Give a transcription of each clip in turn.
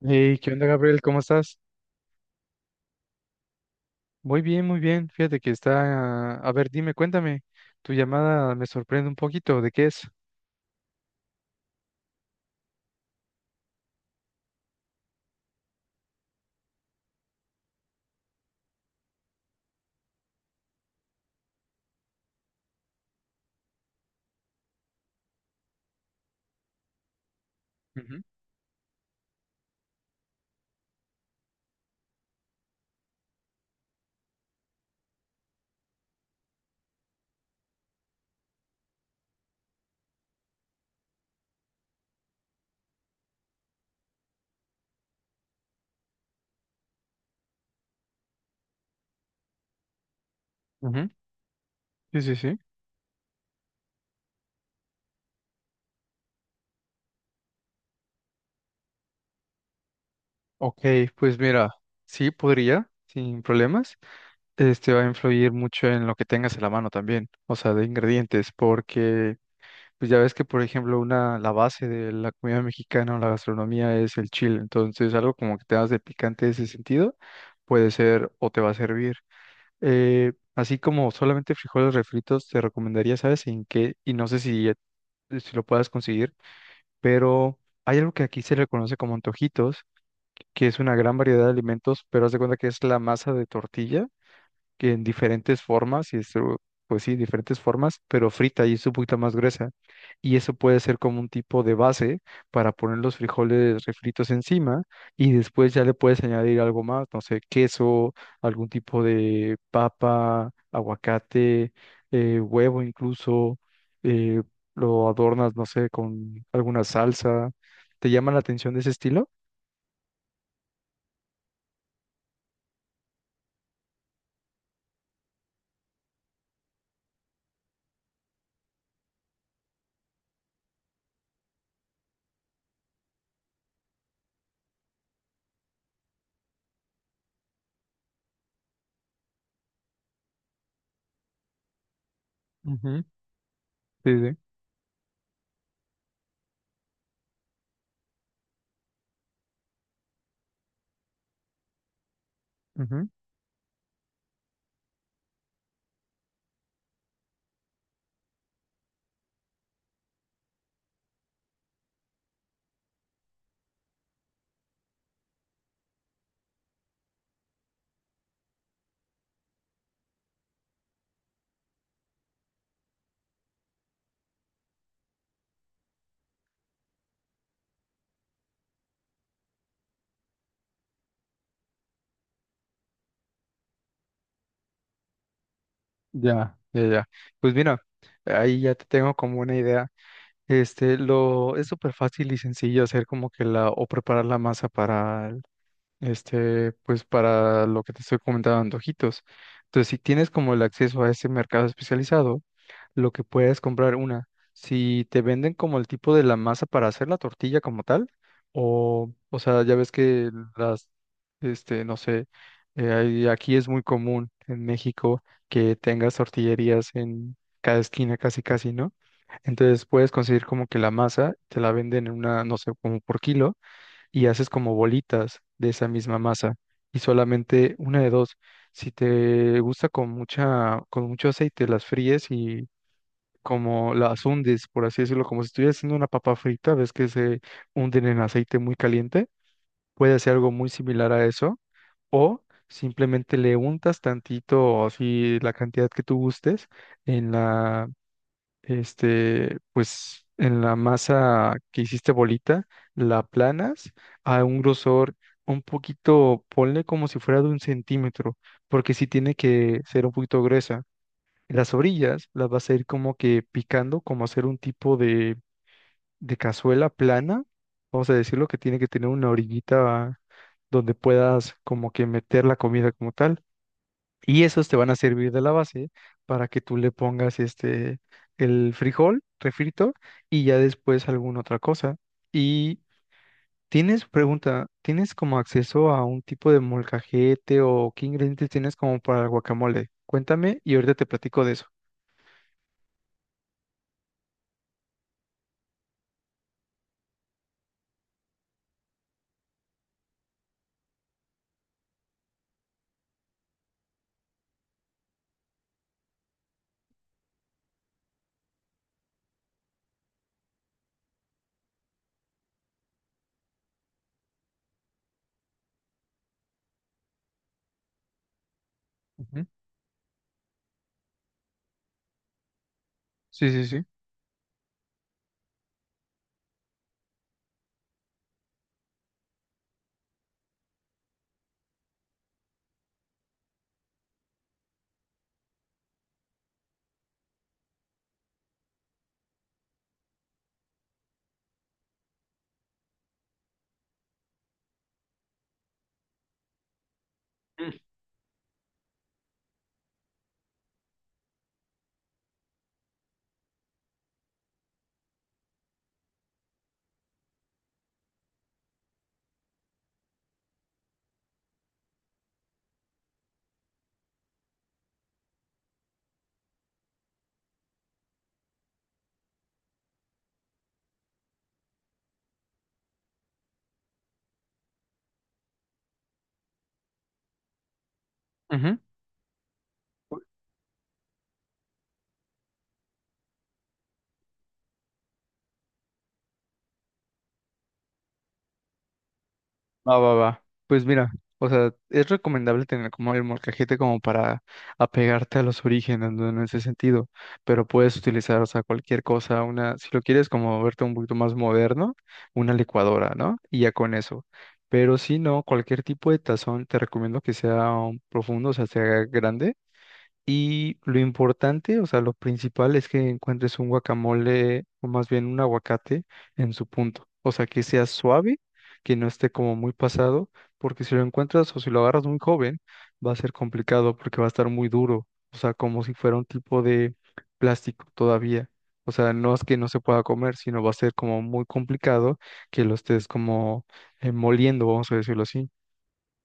Hey, ¿qué onda, Gabriel? ¿Cómo estás? Muy bien, muy bien. Fíjate que está... A ver, dime, cuéntame. Tu llamada me sorprende un poquito. ¿De qué es? Ujú. Ujú. Sí, sí, sí. Ok, pues mira, sí podría, sin problemas. Este va a influir mucho en lo que tengas en la mano también, o sea, de ingredientes, porque pues ya ves que, por ejemplo, una, la base de la comida mexicana o la gastronomía es el chile, entonces algo como que te das de picante en ese sentido puede ser o te va a servir. Así como solamente frijoles refritos, te recomendaría, ¿sabes? En qué, y no sé si, si lo puedas conseguir, pero hay algo que aquí se le conoce como antojitos, que es una gran variedad de alimentos, pero haz de cuenta que es la masa de tortilla que en diferentes formas, y esto, pues sí, diferentes formas, pero frita y es un poquito más gruesa. Y eso puede ser como un tipo de base para poner los frijoles refritos encima y después ya le puedes añadir algo más, no sé, queso, algún tipo de papa, aguacate, huevo incluso, eh, lo adornas, no sé, con alguna salsa. ¿Te llama la atención de ese estilo? Ujú. Sí, sí. Ujú. Ya, ya, ya. Pues mira, ahí ya te tengo como una idea. Este, lo es súper fácil y sencillo hacer como que la o preparar la masa para el- este, pues para lo que te estoy comentando, antojitos. Entonces, si tienes como el acceso a ese mercado especializado, lo que puedes comprar una. Si te venden como el tipo de la masa para hacer la tortilla como tal, o sea, ya ves que las, este, no sé, hay- aquí es muy común en México que tengas tortillerías en cada esquina casi casi, ¿no? Entonces puedes conseguir como que la masa, te la venden en una, no sé, como por kilo, y haces como bolitas de esa misma masa. Y solamente una de dos. Si te gusta con mucha, con mucho aceite, las fríes y como las hundes, por así decirlo, como si estuvieras haciendo una papa frita, ves que se hunden en aceite muy caliente, puede hacer algo muy similar a eso, o simplemente le untas tantito, así la cantidad que tú gustes, en la, este, pues, en la masa que hiciste bolita, la aplanas a un grosor un poquito, ponle como si fuera de un centímetro, porque si tiene que ser un poquito gruesa las orillas las vas a ir como que picando, como hacer un tipo de cazuela plana. Vamos a decirlo que tiene que tener una orillita donde puedas como que meter la comida como tal. Y esos te van a servir de la base para que tú le pongas este el frijol refrito y ya después alguna otra cosa. Y tienes pregunta, ¿tienes como acceso a un tipo de molcajete o qué ingredientes tienes como para el guacamole? Cuéntame y ahorita te platico de eso. Ujú. Sí, sí, sí. Ujú. Va, va, va. Pues mira, o sea, es recomendable tener como el molcajete como para apegarte a los orígenes, ¿no? En ese sentido, pero puedes utilizar, o sea, cualquier cosa, una, si lo quieres como verte un poquito más moderno, una licuadora, ¿no? Y ya con eso. Pero si no, cualquier tipo de tazón, te recomiendo que sea profundo, o sea, sea grande, y lo importante, o sea, lo principal es que encuentres un guacamole o más bien un aguacate en su punto. O sea, que sea suave, que no esté como muy pasado, porque si lo encuentras o si lo agarras muy joven, va a ser complicado porque va a estar muy duro. O sea, como si fuera un tipo de plástico todavía. O sea, no es que no se pueda comer, sino va a ser como muy complicado que lo estés como moliendo, vamos a decirlo así.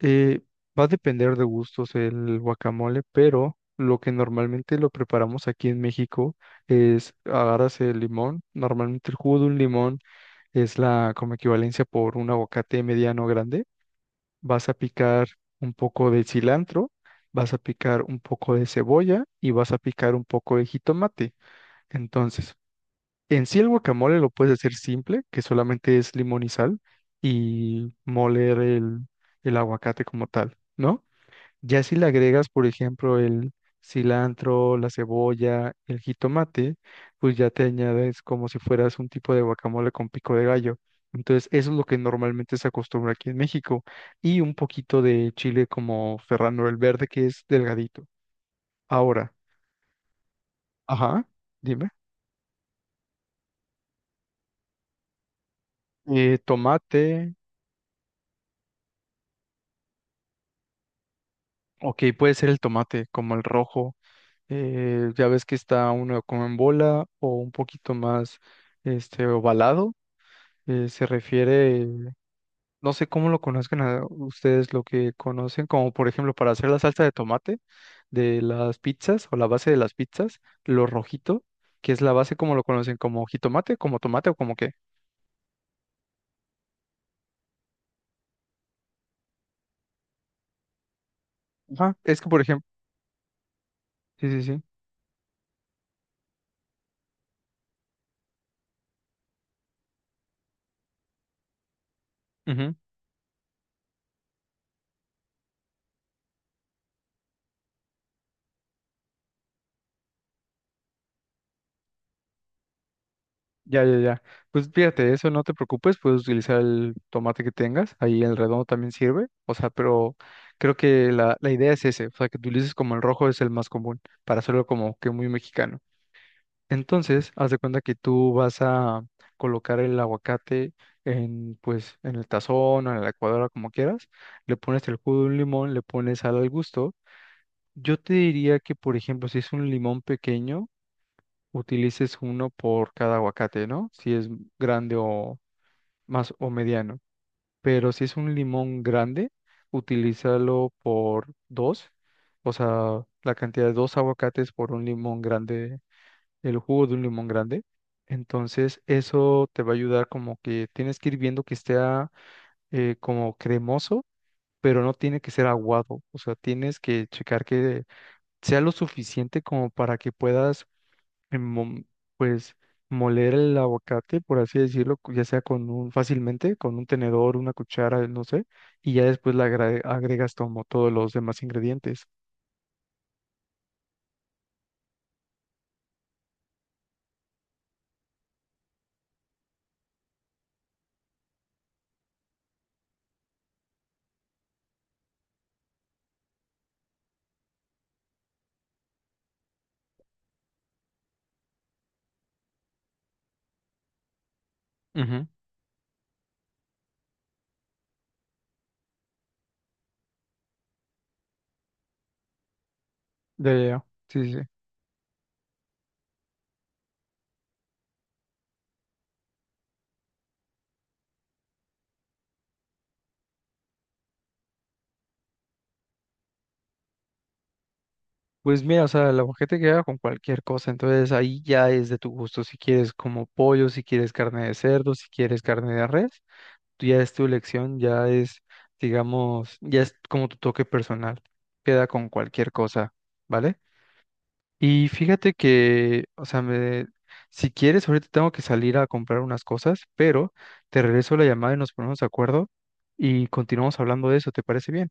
Eh, Va a depender de gustos el guacamole, pero lo que normalmente lo preparamos aquí en México es agarras el limón, normalmente el jugo de un limón es la como equivalencia por un aguacate mediano grande, vas a picar un poco de cilantro, vas a picar un poco de cebolla y vas a picar un poco de jitomate. Entonces, en sí el guacamole lo puedes hacer simple, que solamente es limón y sal y moler el aguacate como tal, ¿no? Ya si le agregas, por ejemplo, el cilantro, la cebolla, el jitomate, pues ya te añades como si fueras un tipo de guacamole con pico de gallo. Entonces, eso es lo que normalmente se acostumbra aquí en México. Y un poquito de chile como Ferrando el verde, que es delgadito. Ahora, ajá, dime. Tomate, ok, puede ser el tomate, como el rojo. Eh, ya ves que está uno como en bola o un poquito más este, ovalado se refiere. No sé cómo lo conozcan a ustedes, lo que conocen, como por ejemplo para hacer la salsa de tomate de las pizzas o la base de las pizzas, lo rojito, que es la base como lo conocen, como jitomate, como tomate o como qué. Ajá, es que por ejemplo, sí, sí, sí. Ujú. Ya, ya, ya. Pues fíjate, eso no te preocupes, puedes utilizar el tomate que tengas, ahí el redondo también sirve, o sea, pero creo que la idea es ese, o sea, que utilices como el rojo es el más común, para hacerlo como que muy mexicano. Entonces, haz de cuenta que tú vas a colocar el aguacate en, pues, en el tazón o en la licuadora, como quieras. Le pones el jugo de un limón, le pones sal al gusto. Yo te diría que, por ejemplo, si es un limón pequeño, utilices uno por cada aguacate, ¿no? Si es grande o más o mediano. Pero si es un limón grande, utilízalo por dos. O sea, la cantidad de dos aguacates por un limón grande el jugo de un limón grande. Entonces, eso te va a ayudar como que tienes que ir viendo que esté ah, como cremoso, pero no tiene que ser aguado. O sea, tienes que checar que sea lo suficiente como para que puedas, mom- pues, moler el aguacate, por así decirlo, cu- ya sea con un, fácilmente, con un tenedor, una cuchara, no sé, y ya después le agra- agregas como todos los demás ingredientes. Ujú. Ya, ya, ya. Sí, sí. Pues mira, o sea, la gente queda con cualquier cosa, entonces ahí ya es de tu gusto, si quieres como pollo, si quieres carne de cerdo, si quieres carne de res, tú ya es tu elección, ya es, digamos, ya es como tu toque personal, queda con cualquier cosa, ¿vale? Y fíjate que, o sea, me, si quieres, ahorita tengo que salir a comprar unas cosas, pero te regreso la llamada y nos ponemos de acuerdo y continuamos hablando de eso, ¿te parece bien?